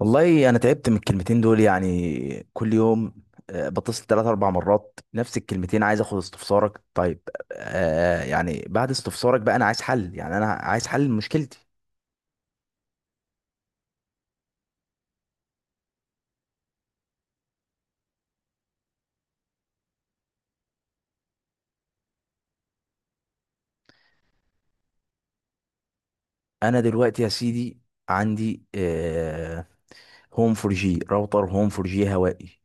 والله انا تعبت من الكلمتين دول يعني كل يوم. بتصل ثلاث اربع مرات نفس الكلمتين، عايز اخد استفسارك. طيب يعني بعد استفسارك بقى انا عايز حل، يعني انا عايز حل مشكلتي. انا دلوقتي يا سيدي عندي هوم فور جي، راوتر هوم فور جي هوائي.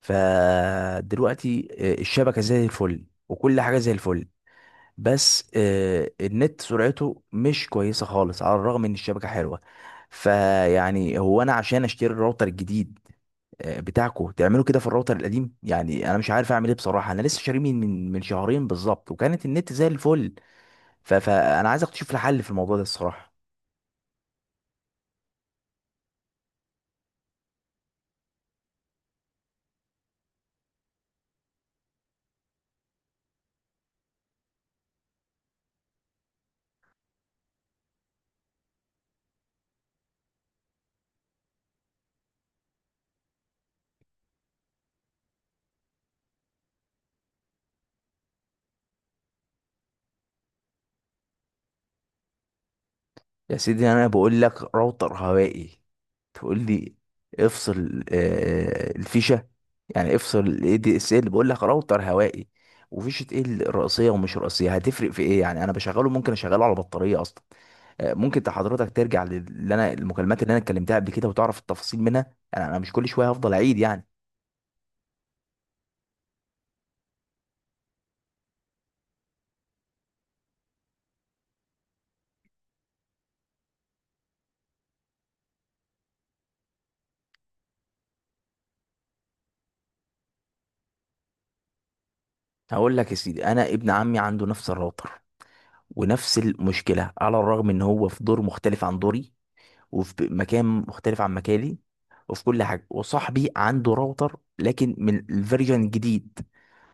فدلوقتي الشبكة زي الفل وكل حاجة زي الفل، بس النت سرعته مش كويسة خالص على الرغم ان الشبكة حلوة. فيعني هو انا عشان اشتري الراوتر الجديد بتاعكو تعملوا كده في الراوتر القديم؟ يعني انا مش عارف اعمل ايه بصراحة، انا لسه شاريه من شهرين بالظبط وكانت النت زي الفل. فانا عايز اكتشف الحل في الموضوع ده الصراحة. يا سيدي انا بقول لك راوتر هوائي، تقول لي افصل الفيشه، يعني افصل الاي دي اس ال؟ بقول لك راوتر هوائي، وفيشه ايه الرئيسيه ومش رئيسيه هتفرق في ايه؟ يعني انا بشغله، ممكن اشغله على بطاريه اصلا. ممكن انت حضرتك ترجع للي انا المكالمات اللي انا اتكلمتها قبل كده وتعرف التفاصيل منها، يعني انا مش كل شويه هفضل اعيد يعني. هقول لك يا سيدي، انا ابن عمي عنده نفس الراوتر ونفس المشكله، على الرغم ان هو في دور مختلف عن دوري وفي مكان مختلف عن مكاني وفي كل حاجه. وصاحبي عنده راوتر لكن من الفيرجن الجديد.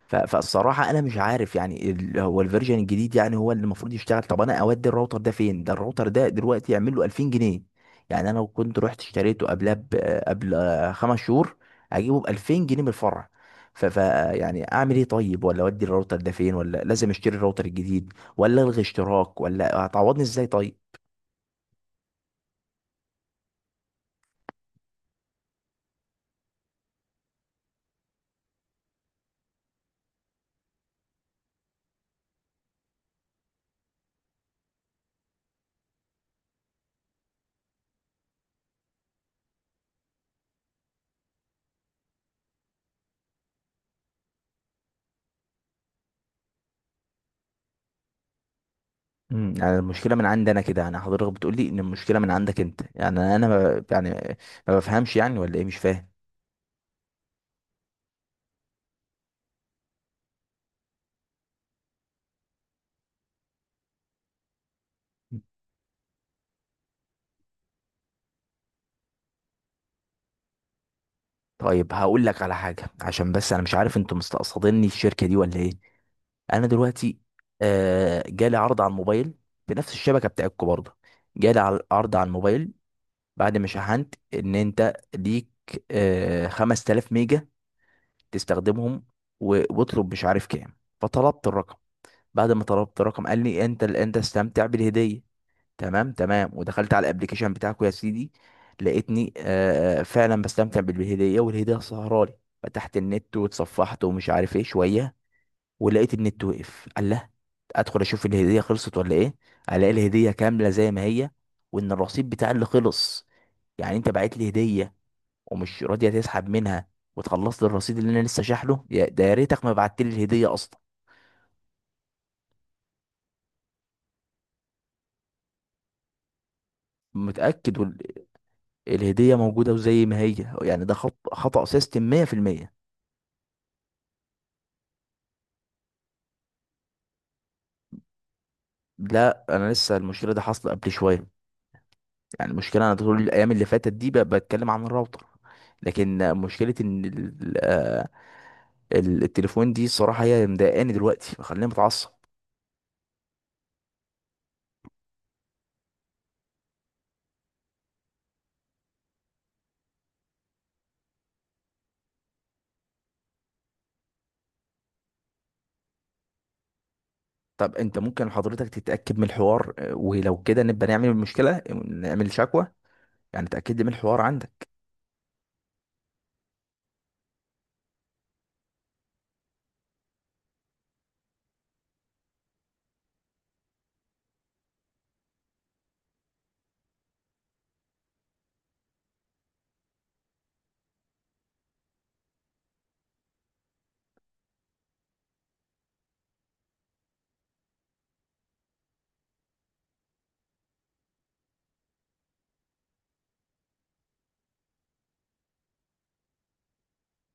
فالصراحه انا مش عارف يعني هو الفيرجن الجديد يعني هو اللي المفروض يشتغل. طب انا اودي الراوتر ده فين؟ ده الراوتر ده دلوقتي يعمل له 2000 جنيه. يعني انا لو كنت رحت اشتريته قبل خمس شهور، اجيبه ب 2000 جنيه من الفرع. ف... ف يعني اعمل ايه طيب؟ ولا اودي الراوتر ده فين؟ ولا لازم اشتري الراوتر الجديد؟ ولا الغي اشتراك؟ ولا هتعوضني ازاي طيب؟ يعني المشكله من عندي انا كده؟ يعني حضرتك بتقول لي ان المشكله من عندك انت؟ يعني انا ما يعني ما بفهمش. يعني ولا ايه؟ مش فاهم. طيب هقول لك على حاجه، عشان بس انا مش عارف انتوا مستقصديني الشركه دي ولا ايه. انا دلوقتي جالي عرض على الموبايل، بنفس الشبكه بتاعتكم برضه. جالي عرض على الموبايل بعد ما شحنت، ان انت ليك 5000 ميجا تستخدمهم، واطلب مش عارف كام. فطلبت الرقم، بعد ما طلبت الرقم قال لي انت انت استمتع بالهديه. تمام تمام، ودخلت على الابليكيشن بتاعكم يا سيدي، لقيتني فعلا بستمتع بالهديه، والهديه سهرالي. فتحت النت واتصفحت ومش عارف ايه شويه، ولقيت النت وقف. الله، ادخل اشوف الهديه خلصت ولا ايه، الاقي الهديه كامله زي ما هي، وان الرصيد بتاع اللي خلص. يعني انت بعت لي هديه ومش راضيه تسحب منها وتخلص لي الرصيد اللي انا لسه شاحله؟ ده يا ريتك ما بعت لي الهديه اصلا. متاكد وال- الهديه موجوده وزي ما هي، يعني ده خط خطا سيستم 100%. لا انا لسه المشكله دي حاصله قبل شويه. يعني المشكله انا طول الايام اللي فاتت دي بتكلم عن الراوتر، لكن مشكله ان التليفون دي الصراحه هي اللي مضايقاني دلوقتي، مخليني متعصب. طب انت ممكن حضرتك تتاكد من الحوار ولو كده نبقى نعمل المشكله، نعمل شكوى، يعني تاكد لي من الحوار عندك.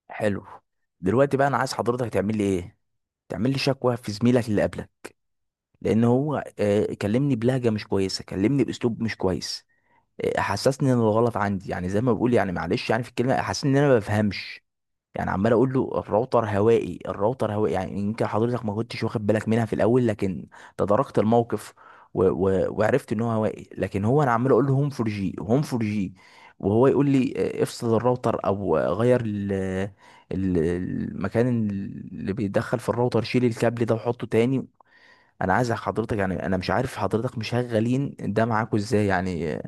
حلو. دلوقتي بقى انا عايز حضرتك تعمل لي ايه؟ تعمل لي شكوى في زميلك اللي قبلك، لان هو كلمني بلهجه مش كويسه، كلمني باسلوب مش كويس، حسسني ان الغلط عندي. يعني زي ما بقول يعني معلش، يعني في الكلمه حسسني ان انا ما بفهمش. يعني عمال اقول له الراوتر هوائي الراوتر هوائي، يعني يمكن حضرتك ما كنتش واخد بالك منها في الاول، لكن تداركت الموقف وعرفت ان هو هوائي. لكن هو انا عمال اقول له هوم فور جي هوم فور جي، وهو يقول لي افصل الراوتر، او آه، غير ال... ال- المكان اللي بيدخل في الراوتر، شيل الكابل ده وحطه تاني. انا عايز حضرتك، يعني انا مش عارف حضرتك مشغلين ده معاكوا ازاي، يعني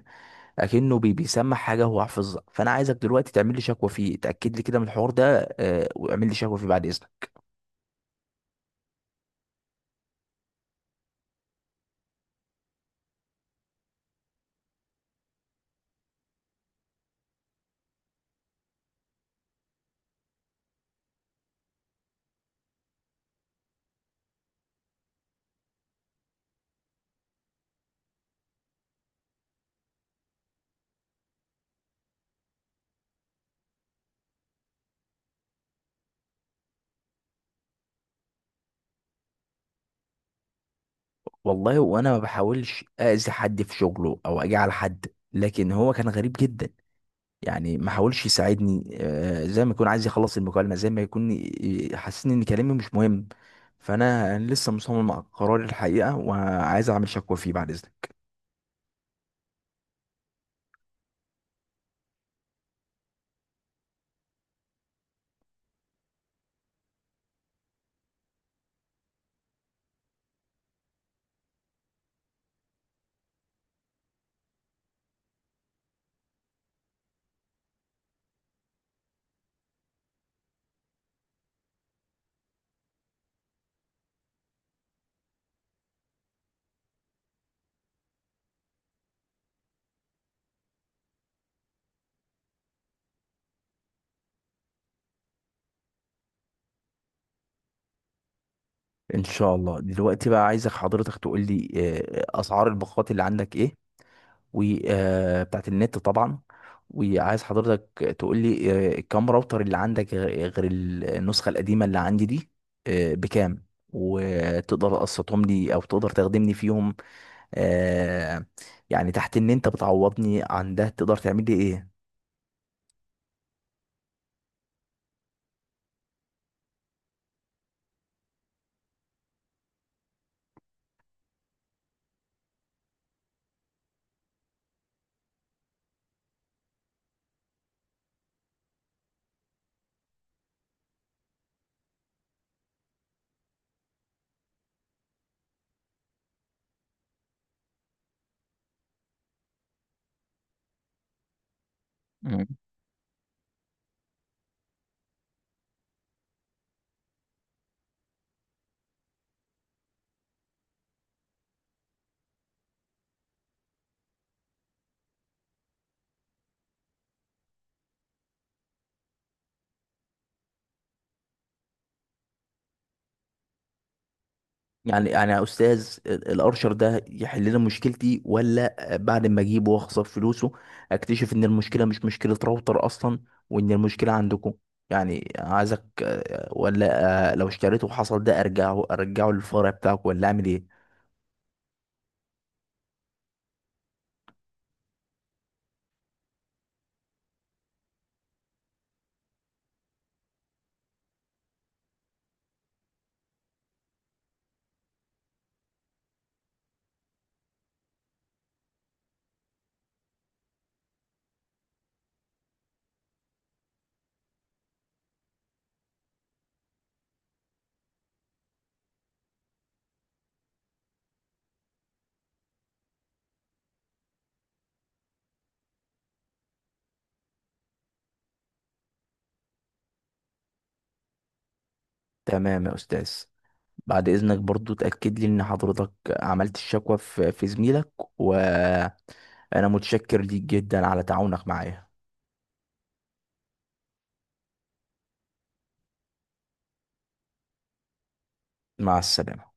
اكنه بيسمع حاجه هو حافظها. فانا عايزك دلوقتي تعمل لي شكوى فيه، اتاكد لي كده من الحوار ده واعمل لي شكوى فيه بعد اذنك. والله وانا ما بحاولش اذي حد في شغله او اجي على حد، لكن هو كان غريب جدا، يعني ما حاولش يساعدني. زي ما يكون عايز يخلص المكالمه، زي ما يكون حاسسني ان كلامي مش مهم. فانا لسه مصمم على قراري الحقيقه، وعايز اعمل شكوى فيه بعد اذنك. ان شاء الله. دلوقتي بقى عايزك حضرتك تقول لي اسعار الباقات اللي عندك ايه، وبتاعت النت طبعا. وعايز حضرتك تقول لي كام راوتر اللي عندك غير النسخة القديمة اللي عندي دي، بكام؟ وتقدر تقسطهم لي او تقدر تخدمني فيهم آه، يعني، تحت ان انت بتعوضني عن ده تقدر تعمل لي ايه؟ يعني يا استاذ الارشر ده يحل لنا مشكلتي، ولا بعد ما اجيبه واخسر فلوسه اكتشف ان المشكله مش مشكله راوتر اصلا، وان المشكله عندكم؟ يعني عايزك آه، ولا آه، لو اشتريته وحصل ده ارجعه، ارجعه للفرع بتاعك ولا اعمل ايه؟ تمام يا استاذ. بعد اذنك برضو تاكد لي ان حضرتك عملت الشكوى في زميلك، وانا متشكر ليك جدا على تعاونك معايا. مع السلامه.